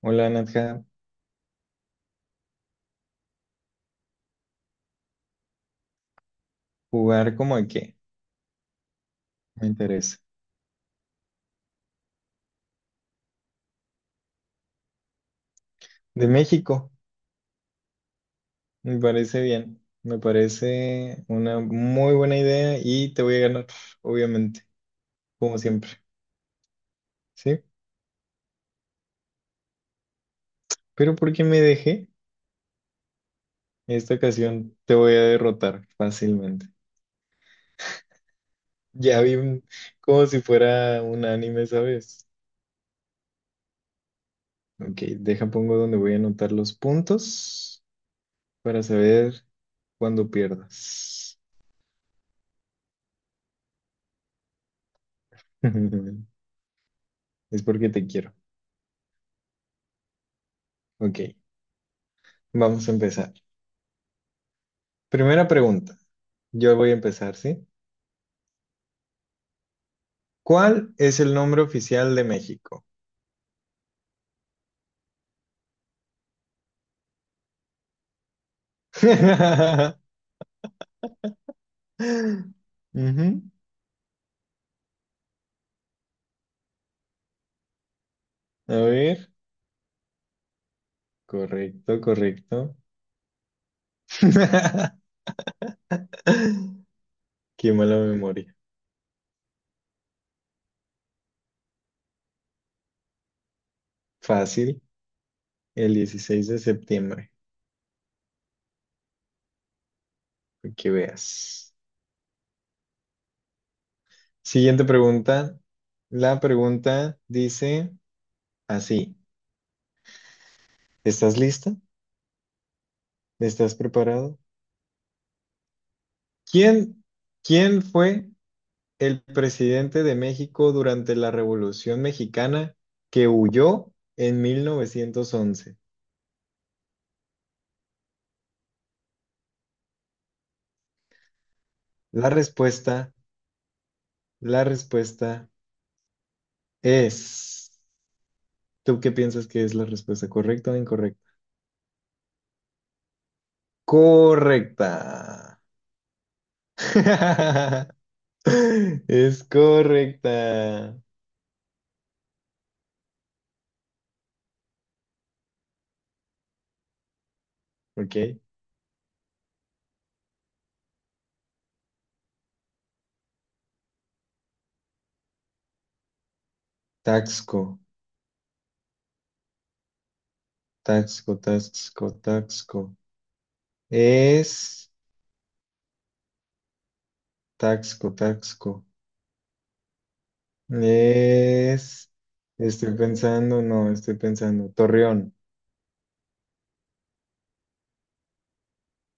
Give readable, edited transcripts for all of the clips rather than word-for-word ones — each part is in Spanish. Hola Nadja, jugar como a qué, me interesa. De México, me parece bien, me parece una muy buena idea y te voy a ganar, obviamente, como siempre, ¿sí? Pero ¿por qué me dejé? Esta ocasión te voy a derrotar fácilmente. Ya vi un- Como si fuera un anime, ¿sabes? Ok, deja pongo donde voy a anotar los puntos para saber cuándo pierdas. Es porque te quiero. Ok, vamos a empezar. Primera pregunta. Yo voy a empezar, ¿sí? ¿Cuál es el nombre oficial de México? Ujú. A ver. Correcto, correcto. Qué mala memoria. Fácil. El 16 de septiembre. Para que veas. Siguiente pregunta. La pregunta dice así. ¿Estás lista? ¿Estás preparado? ¿Quién, quién fue el presidente de México durante la Revolución Mexicana que huyó en 1911? La respuesta, la respuesta es... ¿Tú qué piensas que es la respuesta? ¿Correcta o incorrecta? Correcta. Es correcta. Ok. Taxco, Taxco, Taxco, Taxco. Es Taxco, Taxco. Es, estoy pensando, no, estoy pensando. Torreón,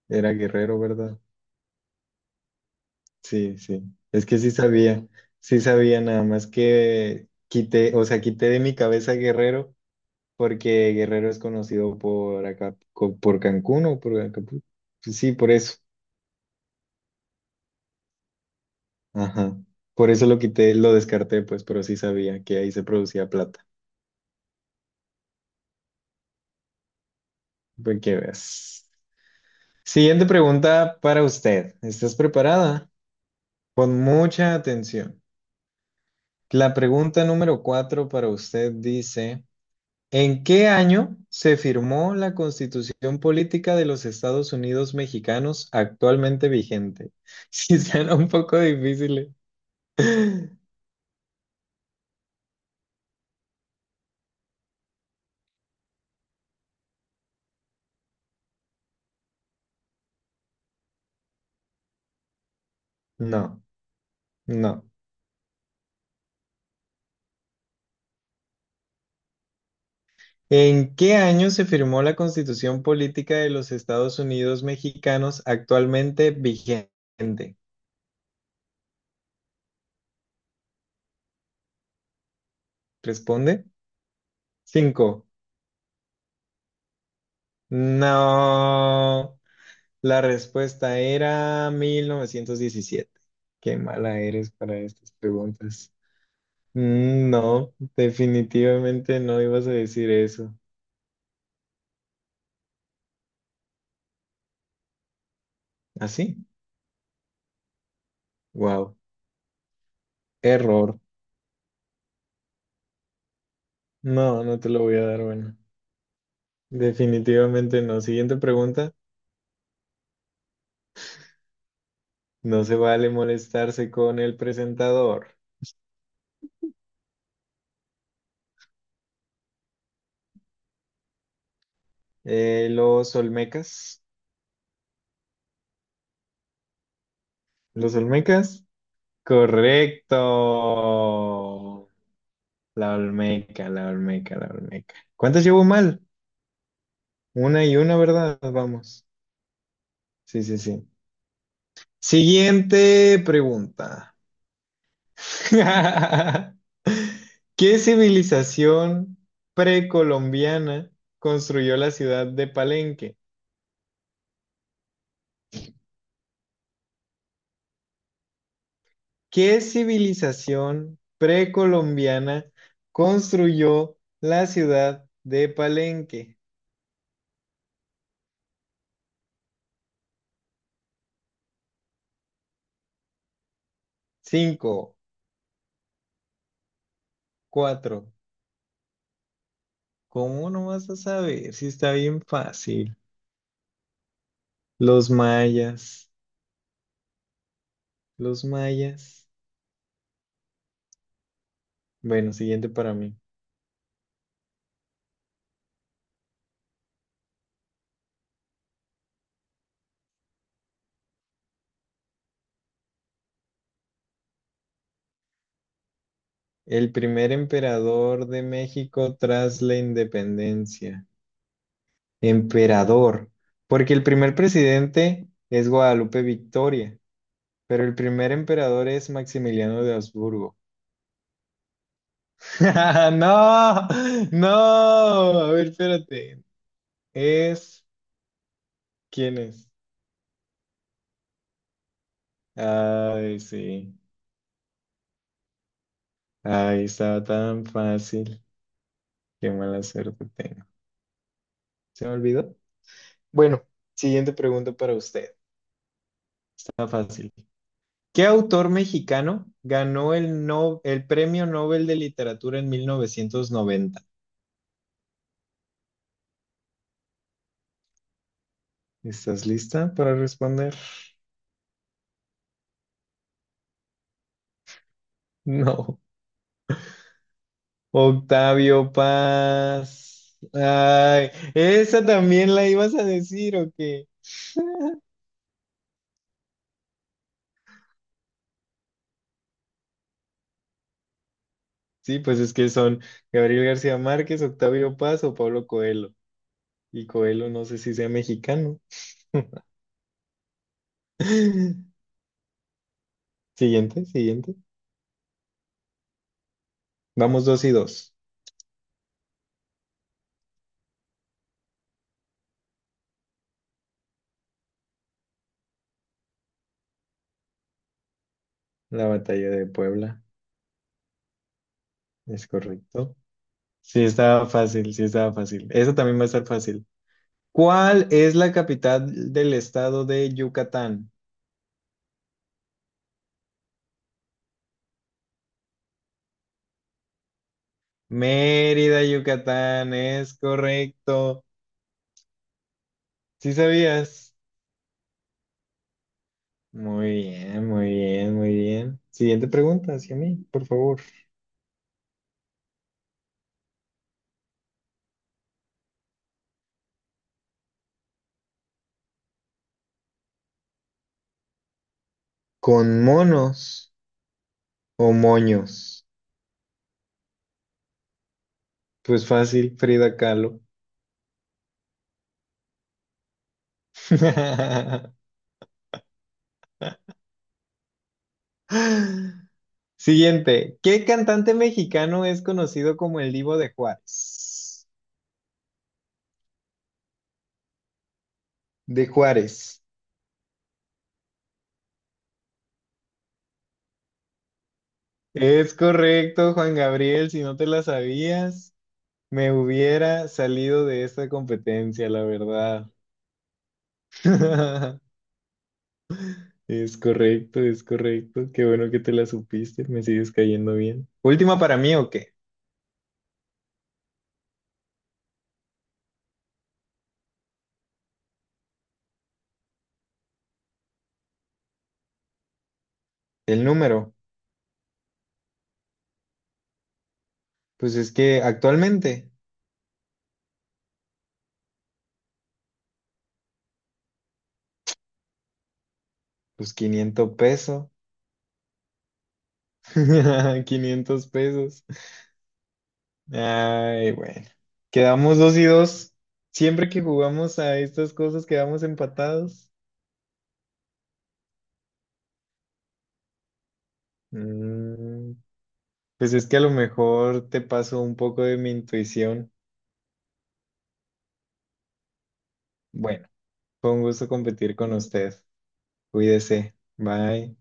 era Guerrero, ¿verdad? Sí, sí. Es que sí sabía, sí sabía, nada más que quité, o sea, quité de mi cabeza Guerrero porque Guerrero es conocido por acá, por Cancún o por Acapulco. Pues sí, por eso. Ajá. Por eso lo quité, lo descarté, pues, pero sí sabía que ahí se producía plata. Pues que veas. Siguiente pregunta para usted. ¿Estás preparada? Con mucha atención. La pregunta número cuatro para usted dice, ¿en qué año se firmó la Constitución Política de los Estados Unidos Mexicanos actualmente vigente? Si suena un poco difícil. No, no. ¿En qué año se firmó la Constitución Política de los Estados Unidos Mexicanos actualmente vigente? Responde. Cinco. No. La respuesta era 1917. Qué mala eres para estas preguntas. Mm, no, definitivamente no ibas a decir eso. ¿Así? Wow. Error. No, no te lo voy a dar, bueno. Definitivamente no. Siguiente pregunta. No se vale molestarse con el presentador. Los Olmecas. ¿Los Olmecas? Correcto. La Olmeca, la Olmeca, la Olmeca. ¿Cuántas llevo mal? Una y una, ¿verdad? Vamos. Sí, sí, sí. Siguiente pregunta. ¿Qué civilización precolombiana construyó la ciudad de Palenque? ¿Qué civilización precolombiana construyó la ciudad de Palenque? Cinco, cuatro. ¿Cómo no vas a saber si está bien fácil? Los mayas, los mayas. Bueno, siguiente para mí. El primer emperador de México tras la independencia. Emperador. Porque el primer presidente es Guadalupe Victoria, pero el primer emperador es Maximiliano de Habsburgo. No, no. A ver, espérate. Es... ¿Quién es? Ay, sí. Ay, estaba tan fácil. Qué mala suerte tengo. ¿Se me olvidó? Bueno, siguiente pregunta para usted. Está fácil. ¿Qué autor mexicano ganó el, no- el Premio Nobel de Literatura en 1990? ¿Estás lista para responder? No. Octavio Paz. Ay, esa también la ibas a decir, ¿o qué? Sí, pues es que son Gabriel García Márquez, Octavio Paz o Pablo Coelho. Y Coelho no sé si sea mexicano. Siguiente, siguiente. Vamos dos y dos. La batalla de Puebla, es correcto. Sí, estaba fácil, sí, estaba fácil. Eso también va a estar fácil. ¿Cuál es la capital del estado de Yucatán? Mérida, Yucatán, es correcto. ¿Sí sabías? Muy bien, muy bien, muy bien. Siguiente pregunta hacia mí, por favor. ¿Con monos o moños? Pues fácil, Frida Kahlo. Siguiente. ¿Qué cantante mexicano es conocido como el Divo de Juárez? De Juárez. Es correcto, Juan Gabriel, si no te la sabías, me hubiera salido de esta competencia, la verdad. Es correcto, es correcto. Qué bueno que te la supiste, me sigues cayendo bien. Última para mí, ¿o qué? El número. Pues es que actualmente, pues 500 pesos. 500 pesos. Ay, bueno. Quedamos dos y dos. Siempre que jugamos a estas cosas, quedamos empatados. Mm. Pues es que a lo mejor te paso un poco de mi intuición. Bueno, fue un gusto competir con usted. Cuídese. Bye.